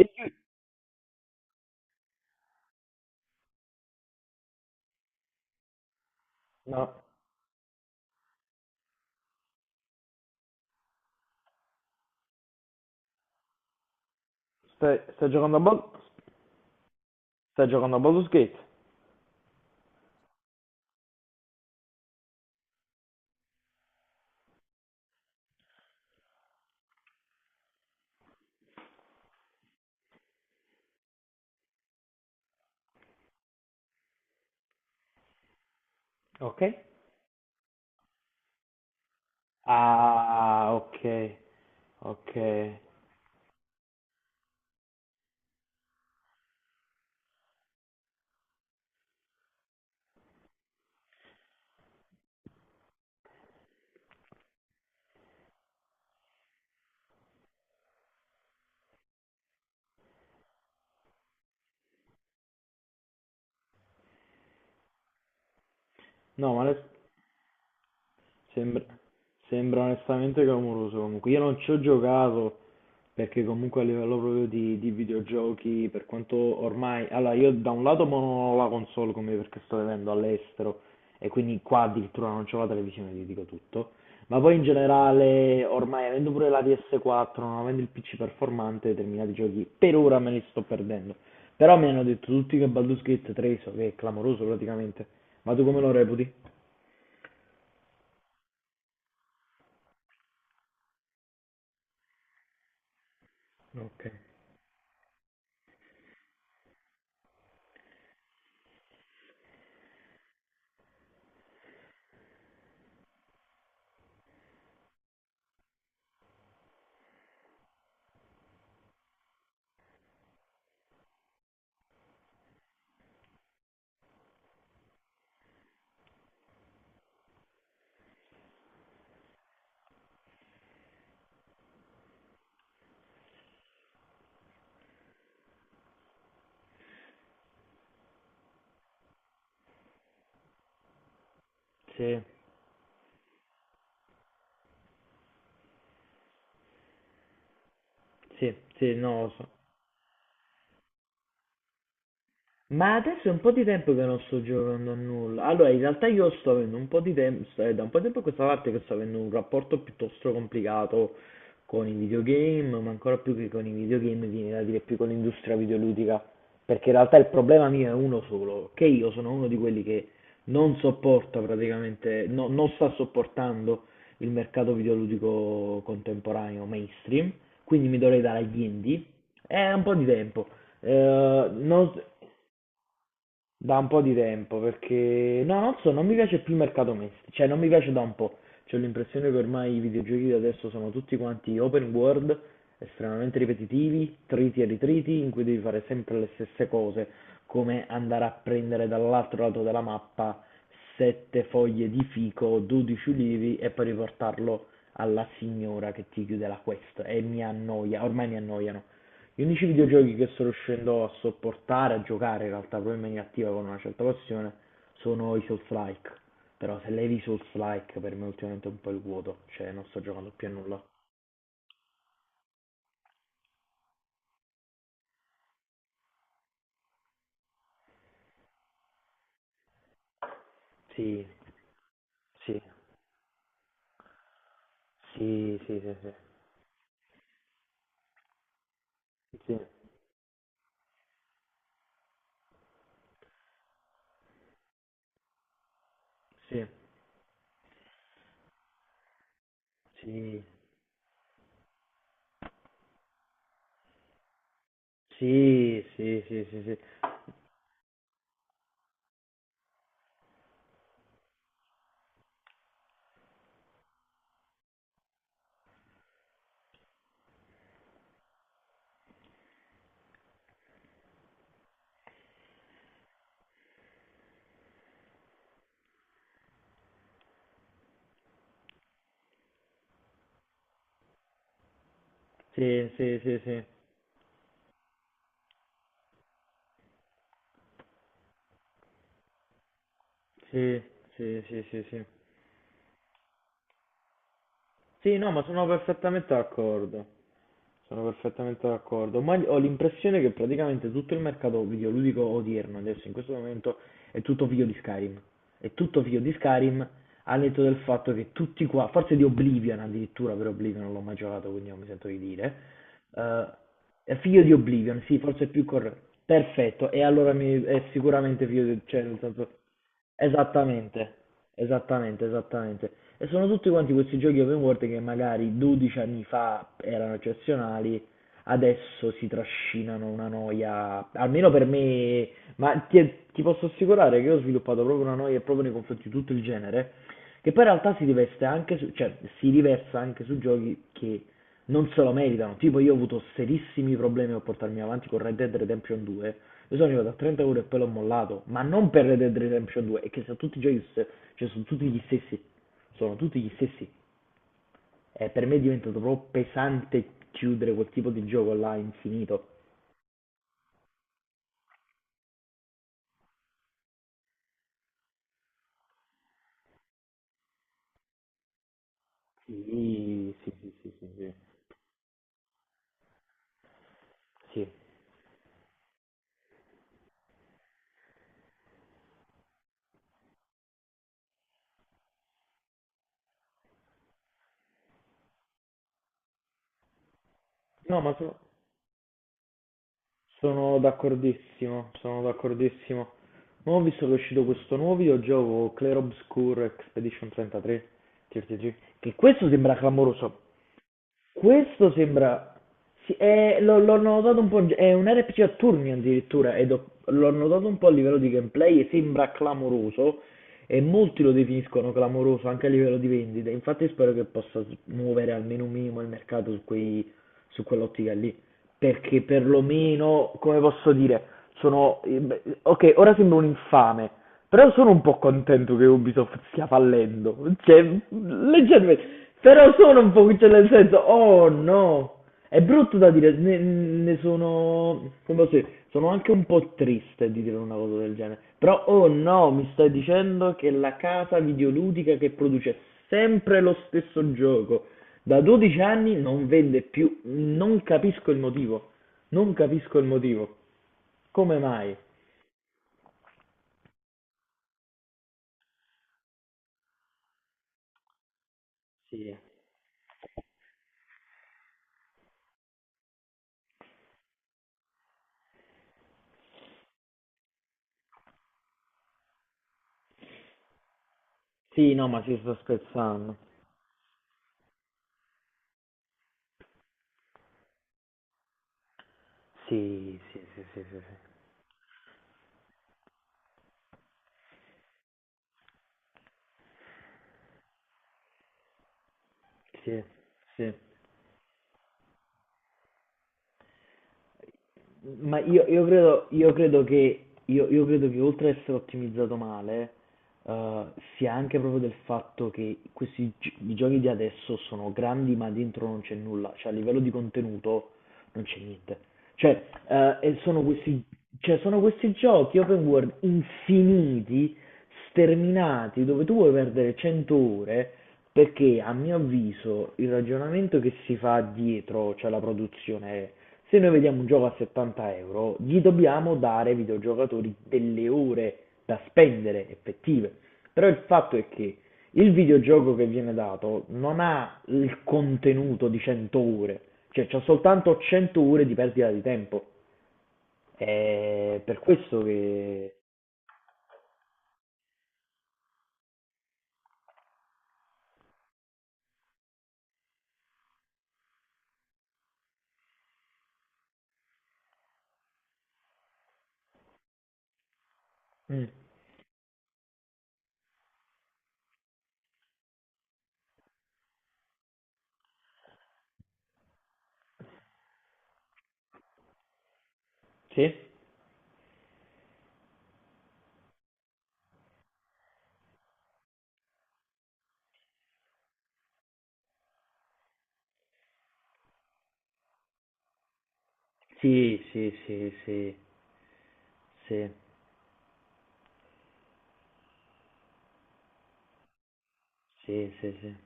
E lui, no, sta giocando a sta giocando a Baldur's Gate. Ok. Ah, ok, ok. No, ma adesso sembra, sembra onestamente clamoroso comunque. Io non ci ho giocato. Perché comunque a livello proprio di videogiochi, per quanto ormai... Allora, io da un lato mo non ho la console come perché sto vivendo all'estero e quindi qua addirittura non c'ho la televisione, ti dico tutto. Ma poi in generale, ormai avendo pure la PS4, non avendo il PC performante, determinati giochi per ora me li sto perdendo. Però mi hanno detto tutti che Baldur's Gate 3, so che è clamoroso praticamente. Ma tu come lo reputi? Ok. Sì, sì, sì, no, lo so. Ma adesso è un po' di tempo che non sto giocando a nulla. Allora, in realtà io sto avendo un po' di tempo, è da un po' di tempo a questa parte che sto avendo un rapporto piuttosto complicato con i videogame, ma ancora più che con i videogame, viene da dire più con l'industria videoludica. Perché in realtà il problema mio è uno solo, che io sono uno di quelli che non sopporta praticamente, non sta sopportando il mercato videoludico contemporaneo mainstream, quindi mi dovrei dare agli indie. È un po' di tempo. Eh, non- Da un po' di tempo, perché no, non so, non mi piace più il mercato misto, cioè non mi piace da un po'. C'ho l'impressione che ormai i videogiochi di adesso sono tutti quanti open world, estremamente ripetitivi, triti e ritriti, in cui devi fare sempre le stesse cose, come andare a prendere dall'altro lato della mappa sette foglie di fico, 12 ulivi e poi riportarlo alla signora che ti chiude la quest e mi annoia, ormai mi annoiano. Gli unici videogiochi che sto riuscendo a sopportare, a giocare in realtà proprio in maniera attiva con una certa passione, sono i Souls-like. Però se levi i Souls-like per me ultimamente è un po' il vuoto, cioè non sto giocando più a nulla. Sì, sì, sì, sì, sì, sì, sì. Sì. Sì, sì, sì, sì, sì, sì, sì, sì, sì, sì. Sì, sì, sì, sì, sì. Sì, no, ma sono perfettamente d'accordo. Sono perfettamente d'accordo. Ma ho l'impressione che praticamente tutto il mercato videoludico odierno, adesso in questo momento, è tutto figlio di Skyrim. È tutto figlio di Skyrim, al netto del fatto che tutti qua, forse di Oblivion addirittura, per Oblivion non l'ho mai giocato, quindi non mi sento di dire. Eh, è figlio di Oblivion, sì, forse è più corretto. Perfetto, e allora è sicuramente figlio di... cioè, nel senso... Esattamente, esattamente, esattamente. E sono tutti quanti questi giochi open world che magari 12 anni fa erano eccezionali, adesso si trascinano una noia, almeno per me, ma ti posso assicurare che io ho sviluppato proprio una noia proprio nei confronti di tutto il genere, che poi in realtà si riveste anche su, cioè si riversa anche su giochi che non se lo meritano. Tipo, io ho avuto serissimi problemi a portarmi avanti con Red Dead Redemption 2. Io sono arrivato a 30 ore e poi l'ho mollato. Ma non per Red Dead Redemption 2, è che sono tutti giochi, cioè sono tutti gli stessi. Sono tutti gli stessi. E per me è diventato troppo pesante chiudere quel tipo di gioco là infinito. Sì, sì, sì, sì, sì, sì. Sì. No, ma so- Sono d'accordissimo, sono d'accordissimo. Non ho visto che è uscito questo nuovo videogioco Clair Obscur Expedition 33, TRPG. Che questo sembra clamoroso. Questo sembra... sì, l'ho notato un po', in è un RPG a turni addirittura, l'ho notato un po' a livello di gameplay e sembra clamoroso, e molti lo definiscono clamoroso anche a livello di vendita, infatti spero che possa muovere almeno un minimo il mercato su quei, su quell'ottica lì, perché perlomeno, come posso dire sono... Ok, ora sembro un infame, però sono un po' contento che Ubisoft stia fallendo. Cioè, leggermente... Però sono un po'... Cioè, nel senso, oh no! È brutto da dire, ne sono... Come posso dire? Sono anche un po' triste di dire una cosa del genere. Però, oh no, mi stai dicendo che la casa videoludica che produce sempre lo stesso gioco da 12 anni non vende più. Non capisco il motivo. Non capisco il motivo. Come mai? Sì. Sì, no, ma ci sto scherzando. Sì, sì, sì, sì, sì, sì. Sì, sì. Io credo che, io credo che oltre ad essere ottimizzato male, eh, sia anche proprio del fatto che questi i giochi di adesso sono grandi, ma dentro non c'è nulla, cioè a livello di contenuto non c'è niente. Cioè, eh, e sono questi, sono questi giochi open world infiniti sterminati, dove tu vuoi perdere 100 ore, perché a mio avviso il ragionamento che si fa dietro, cioè la produzione, è se noi vediamo un gioco a 70 euro, gli dobbiamo dare ai videogiocatori delle ore da spendere effettive. Però il fatto è che il videogioco che viene dato non ha il contenuto di 100 ore, cioè c'ha soltanto 100 ore di perdita di tempo. È per questo che... Mm, sì? Sì, sì, sì, sì, sì, sì, sì, sì.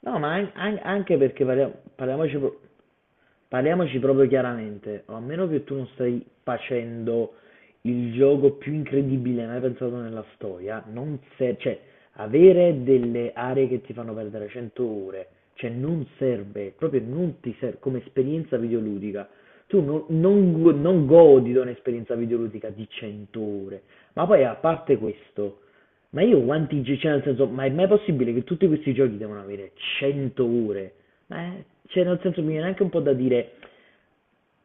No, ma anche perché parliamoci, parliamoci proprio chiaramente, a meno che tu non stai facendo il gioco più incredibile mai pensato nella storia, non serve, cioè, avere delle aree che ti fanno perdere 100 ore, cioè non serve, proprio non ti serve come esperienza videoludica. Tu non godi di un'esperienza videoludica di 100 ore, ma poi a parte questo. Ma io quanti giochi, cioè nel senso, ma è mai possibile che tutti questi giochi devono avere 100 ore? Ma, cioè nel senso mi viene anche un po' da dire,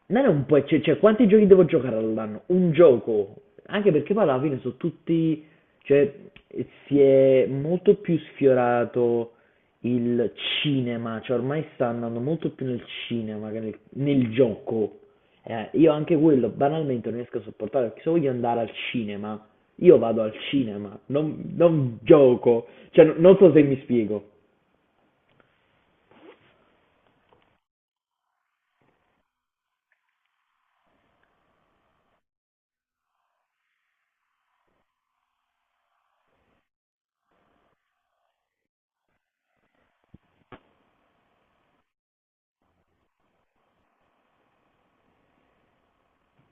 non è un po', cioè, quanti giochi devo giocare all'anno? Un gioco. Anche perché poi alla fine sono tutti, cioè, si è molto più sfiorato il cinema, cioè ormai sta andando molto più nel cinema che nel gioco. Io anche quello banalmente non riesco a sopportare perché se voglio andare al cinema, io vado al cinema, non gioco. Cioè, non so se mi spiego.